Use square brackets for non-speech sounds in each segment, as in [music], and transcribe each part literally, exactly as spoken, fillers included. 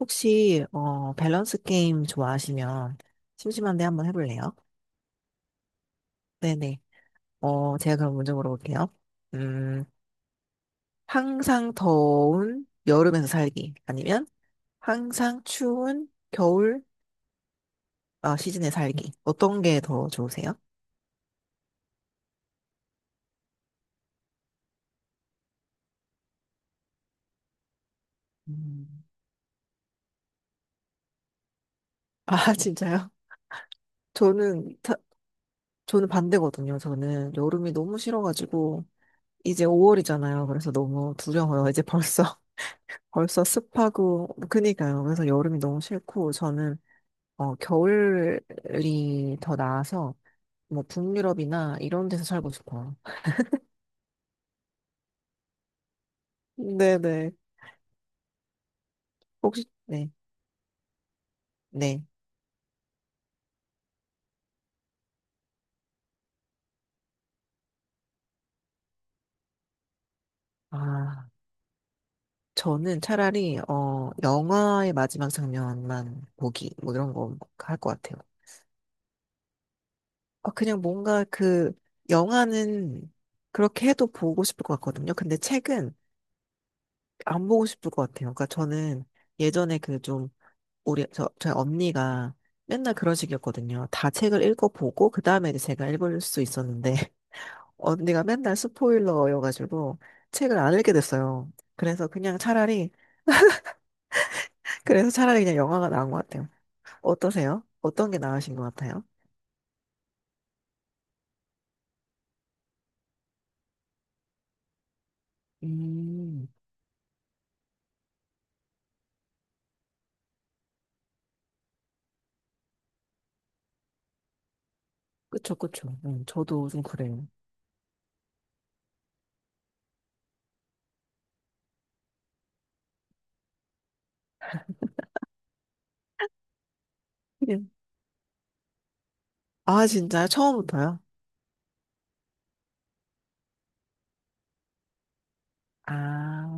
혹시 어 밸런스 게임 좋아하시면 심심한데 한번 해볼래요? 네네. 어 제가 그럼 먼저 물어볼게요. 음, 항상 더운 여름에서 살기 아니면 항상 추운 겨울 아, 시즌에 살기 어떤 게 더 좋으세요? 음. 아 [laughs] 진짜요? 저는 타- 저는 반대거든요. 저는 여름이 너무 싫어가지고 이제 오 월이잖아요. 그래서 너무 두려워요. 이제 벌써 벌써 습하고, 그니까요. 그래서 여름이 너무 싫고, 저는, 어, 겨울이 더 나아서, 뭐, 북유럽이나 이런 데서 살고 싶어요. 네네. 혹시, 네, 네. 아, 저는 차라리, 어, 영화의 마지막 장면만 보기, 뭐 이런 거 할 것 같아요. 아, 그냥 뭔가 그, 영화는 그렇게 해도 보고 싶을 것 같거든요. 근데 책은 안 보고 싶을 것 같아요. 그러니까 저는 예전에 그좀 우리, 저, 저희 언니가 맨날 그런 식이었거든요. 다 책을 읽어보고, 그 다음에 이제 제가 읽을 수 있었는데, [laughs] 언니가 맨날 스포일러여가지고, 책을 안 읽게 됐어요. 그래서 그냥 차라리, 그래서 차라리 그냥 영화가 나은 것 같아요. 어떠세요? 어떤 게 나으신 것 같아요? 음, 그쵸, 그쵸. 음, 저도 좀 그래요. 네. 아, 진짜요? 처음부터요? 아,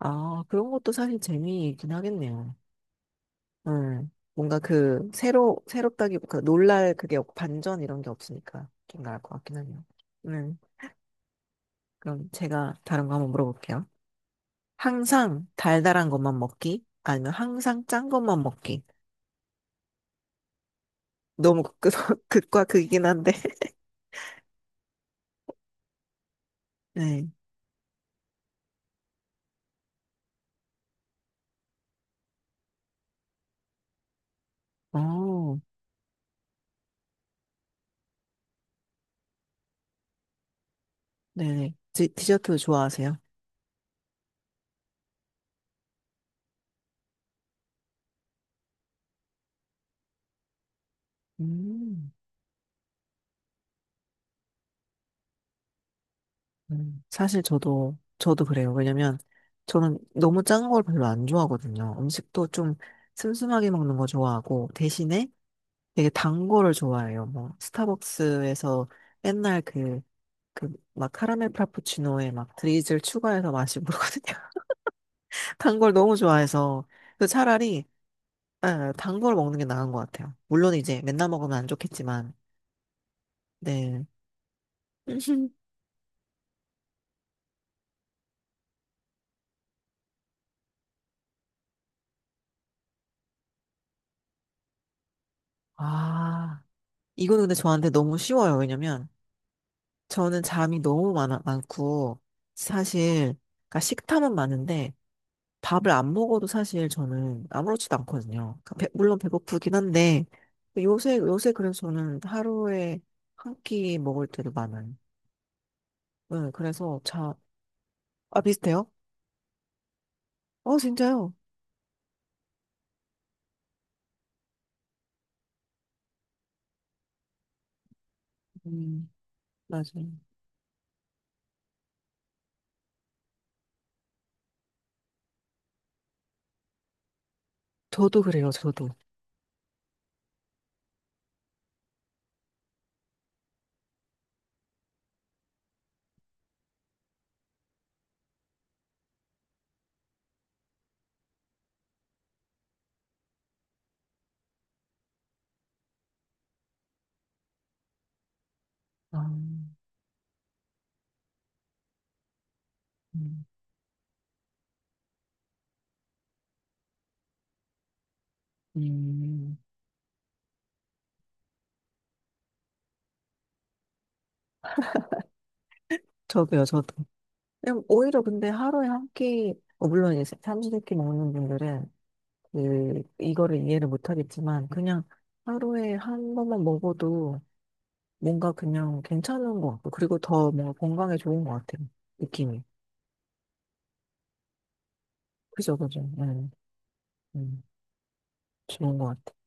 아, 그런 것도 사실 재미있긴 하겠네요. 음, 뭔가 그 새로 새롭다기보다 놀랄 그게 없고 반전 이런 게 없으니까 좀 나을 것 같긴 하네요. 음, 그럼 제가 다른 거 한번 물어볼게요. 항상 달달한 것만 먹기 아니면 항상 짠 것만 먹기. 너무 극, [laughs] 극과 극이긴 한데. [laughs] 네. 어, 네네. 디, 디저트 좋아하세요? 음, 음. 사실 저도 저도 그래요. 왜냐면 저는 너무 짠 걸 별로 안 좋아하거든요. 음식도 좀 슴슴하게 먹는 거 좋아하고, 대신에 되게 단 거를 좋아해요. 뭐 스타벅스에서 옛날 그 그 막 카라멜 프라푸치노에 막 드리즐 추가해서 마시고 그러거든요. [laughs] 단 걸 너무 좋아해서 그 차라리, 예, 단걸 먹는 게 나은 것 같아요. 물론 이제 맨날 먹으면 안 좋겠지만. 네. [laughs] 아, 이거는 근데 저한테 너무 쉬워요. 왜냐면 저는 잠이 너무 많아, 많고, 사실 그러니까 식탐은 많은데 밥을 안 먹어도 사실 저는 아무렇지도 않거든요. 그 배- 물론 배고프긴 한데, 요새 요새 그래서 저는 하루에 한 끼 먹을 때도 많아요. 네, 그래서 자, 아 비슷해요? 어 진짜요? 음, 맞아요. 저도 그래요, 저도. 아, 음, 음, 저도요, 저도. 그냥 오히려 근데 하루에 한 끼, 어, 물론 이제 삼시세끼 먹는 분들은 그 이거를 이해를 못 하겠지만 그냥 하루에 한 번만 먹어도 뭔가 그냥 괜찮은 것 같고, 그리고 더 뭔가 건강에 좋은 것 같아요. 느낌이. 그죠, 그죠. 음, 음, 좋은 것 같아요.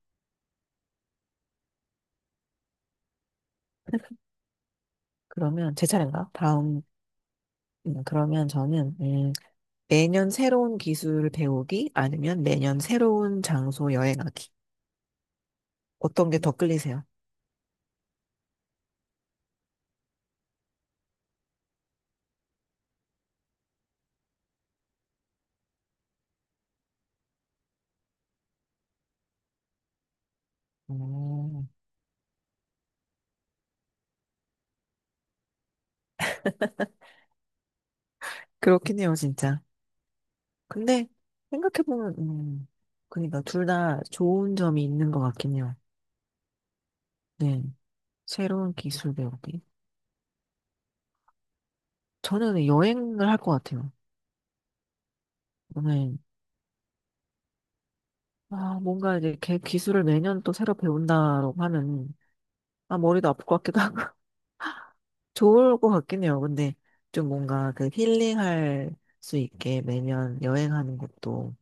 그러면 제 차례인가? 다음, 음, 그러면 저는, 음, 매년 새로운 기술 배우기, 아니면 매년 새로운 장소 여행하기. 어떤 게 더 끌리세요? 음, 그렇긴 해요, 진짜. 근데 생각해보면, 음, 그러니까 둘 다 좋은 점이 있는 것 같긴 해요. 네. 새로운 기술 배우기. 저는 여행을 할 것 같아요. 오늘 아, 뭔가 이제 걔 기술을 매년 또 새로 배운다라고 하면, 아, 머리도 아플 것 같기도 하고, [laughs] 좋을 것 같긴 해요. 근데 좀 뭔가 그 힐링할 수 있게 매년 여행하는 것도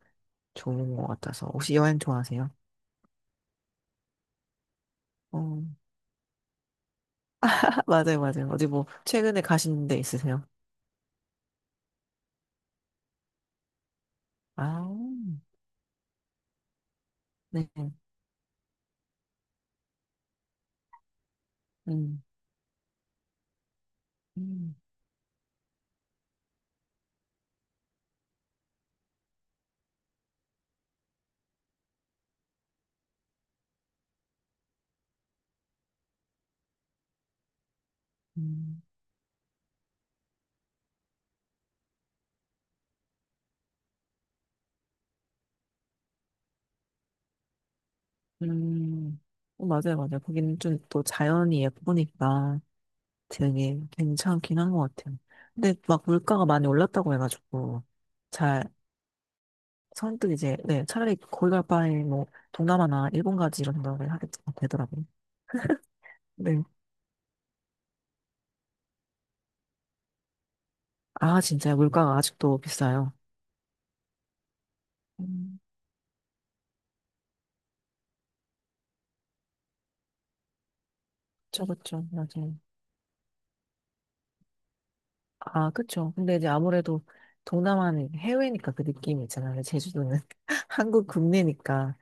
좋은 것 같아서. 혹시 여행 좋아하세요? 어, [laughs] 맞아요, 맞아요. 어디 뭐, 최근에 가신 데 있으세요? 아, 네. 음, 음, 음, 음. 어, 맞아요, 맞아요. 거기는 좀 또 자연이 예쁘니까 되게 괜찮긴 한 것 같아요. 근데 막 물가가 많이 올랐다고 해가지고 잘 선뜻 이제 네 차라리 거기 갈 바에 뭐 동남아나 일본 가지 이런 생각을 하게 되더라고요. 네. 아 진짜 요 물가가 아직도 비싸요. 음, 그쵸 그쵸 맞아요. 아 그쵸. 근데 이제 아무래도 동남아는 해외니까 그 느낌이 있잖아요. 제주도는 [laughs] 한국 국내니까.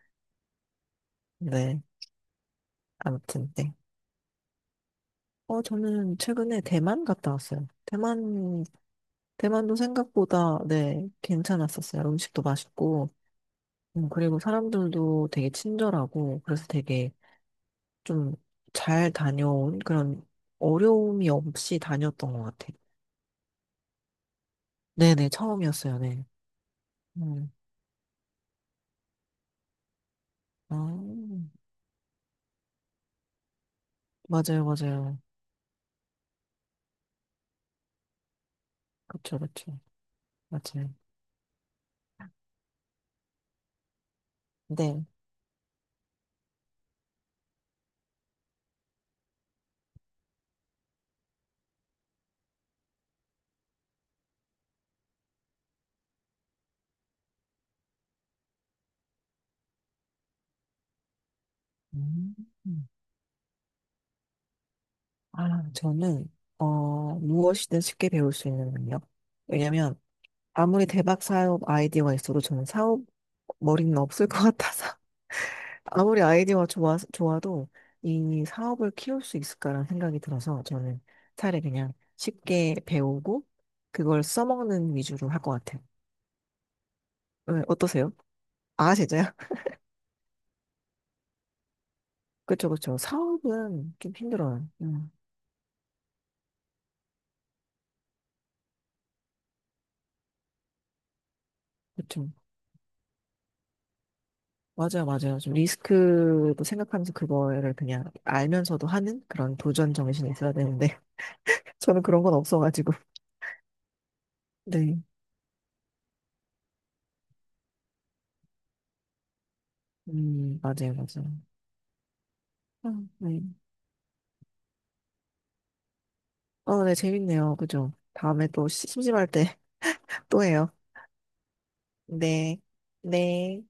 네 아무튼 네. 어 저는 최근에 대만 갔다 왔어요. 대만, 대만도 생각보다, 네, 괜찮았었어요. 음식도 맛있고, 음, 그리고 사람들도 되게 친절하고, 그래서 되게 좀 잘 다녀온 그런 어려움이 없이 다녔던 것 같아요. 네네, 처음이었어요, 네. 음, 아, 맞아요, 맞아요. 그쵸, 그쵸. 맞아요. 네. 음. 아, 저는, 어, 무엇이든 쉽게 배울 수 있는 능력. 왜냐면, 아무리 대박 사업 아이디어가 있어도 저는 사업 머리는 없을 것 같아서. 아무리 아이디어가 좋아, 좋아도 이 사업을 키울 수 있을까라는 생각이 들어서 저는 차라리 그냥 쉽게 배우고 그걸 써먹는 위주로 할 것 같아요. 네, 어떠세요? 아, 진짜요? [laughs] 그쵸, 그쵸. 사업은 좀 힘들어요. 음, 그쵸. 맞아요, 맞아요. 좀 리스크도 생각하면서 그거를 그냥 알면서도 하는 그런 도전 정신이 있어야 되는데 [laughs] 저는 그런 건 없어가지고. 네. 음, 맞아요, 맞아요. 아, 네. 어, 네, 재밌네요. 그죠? 다음에 또 시- 심심할 때 [laughs] 또 해요. 네, 네.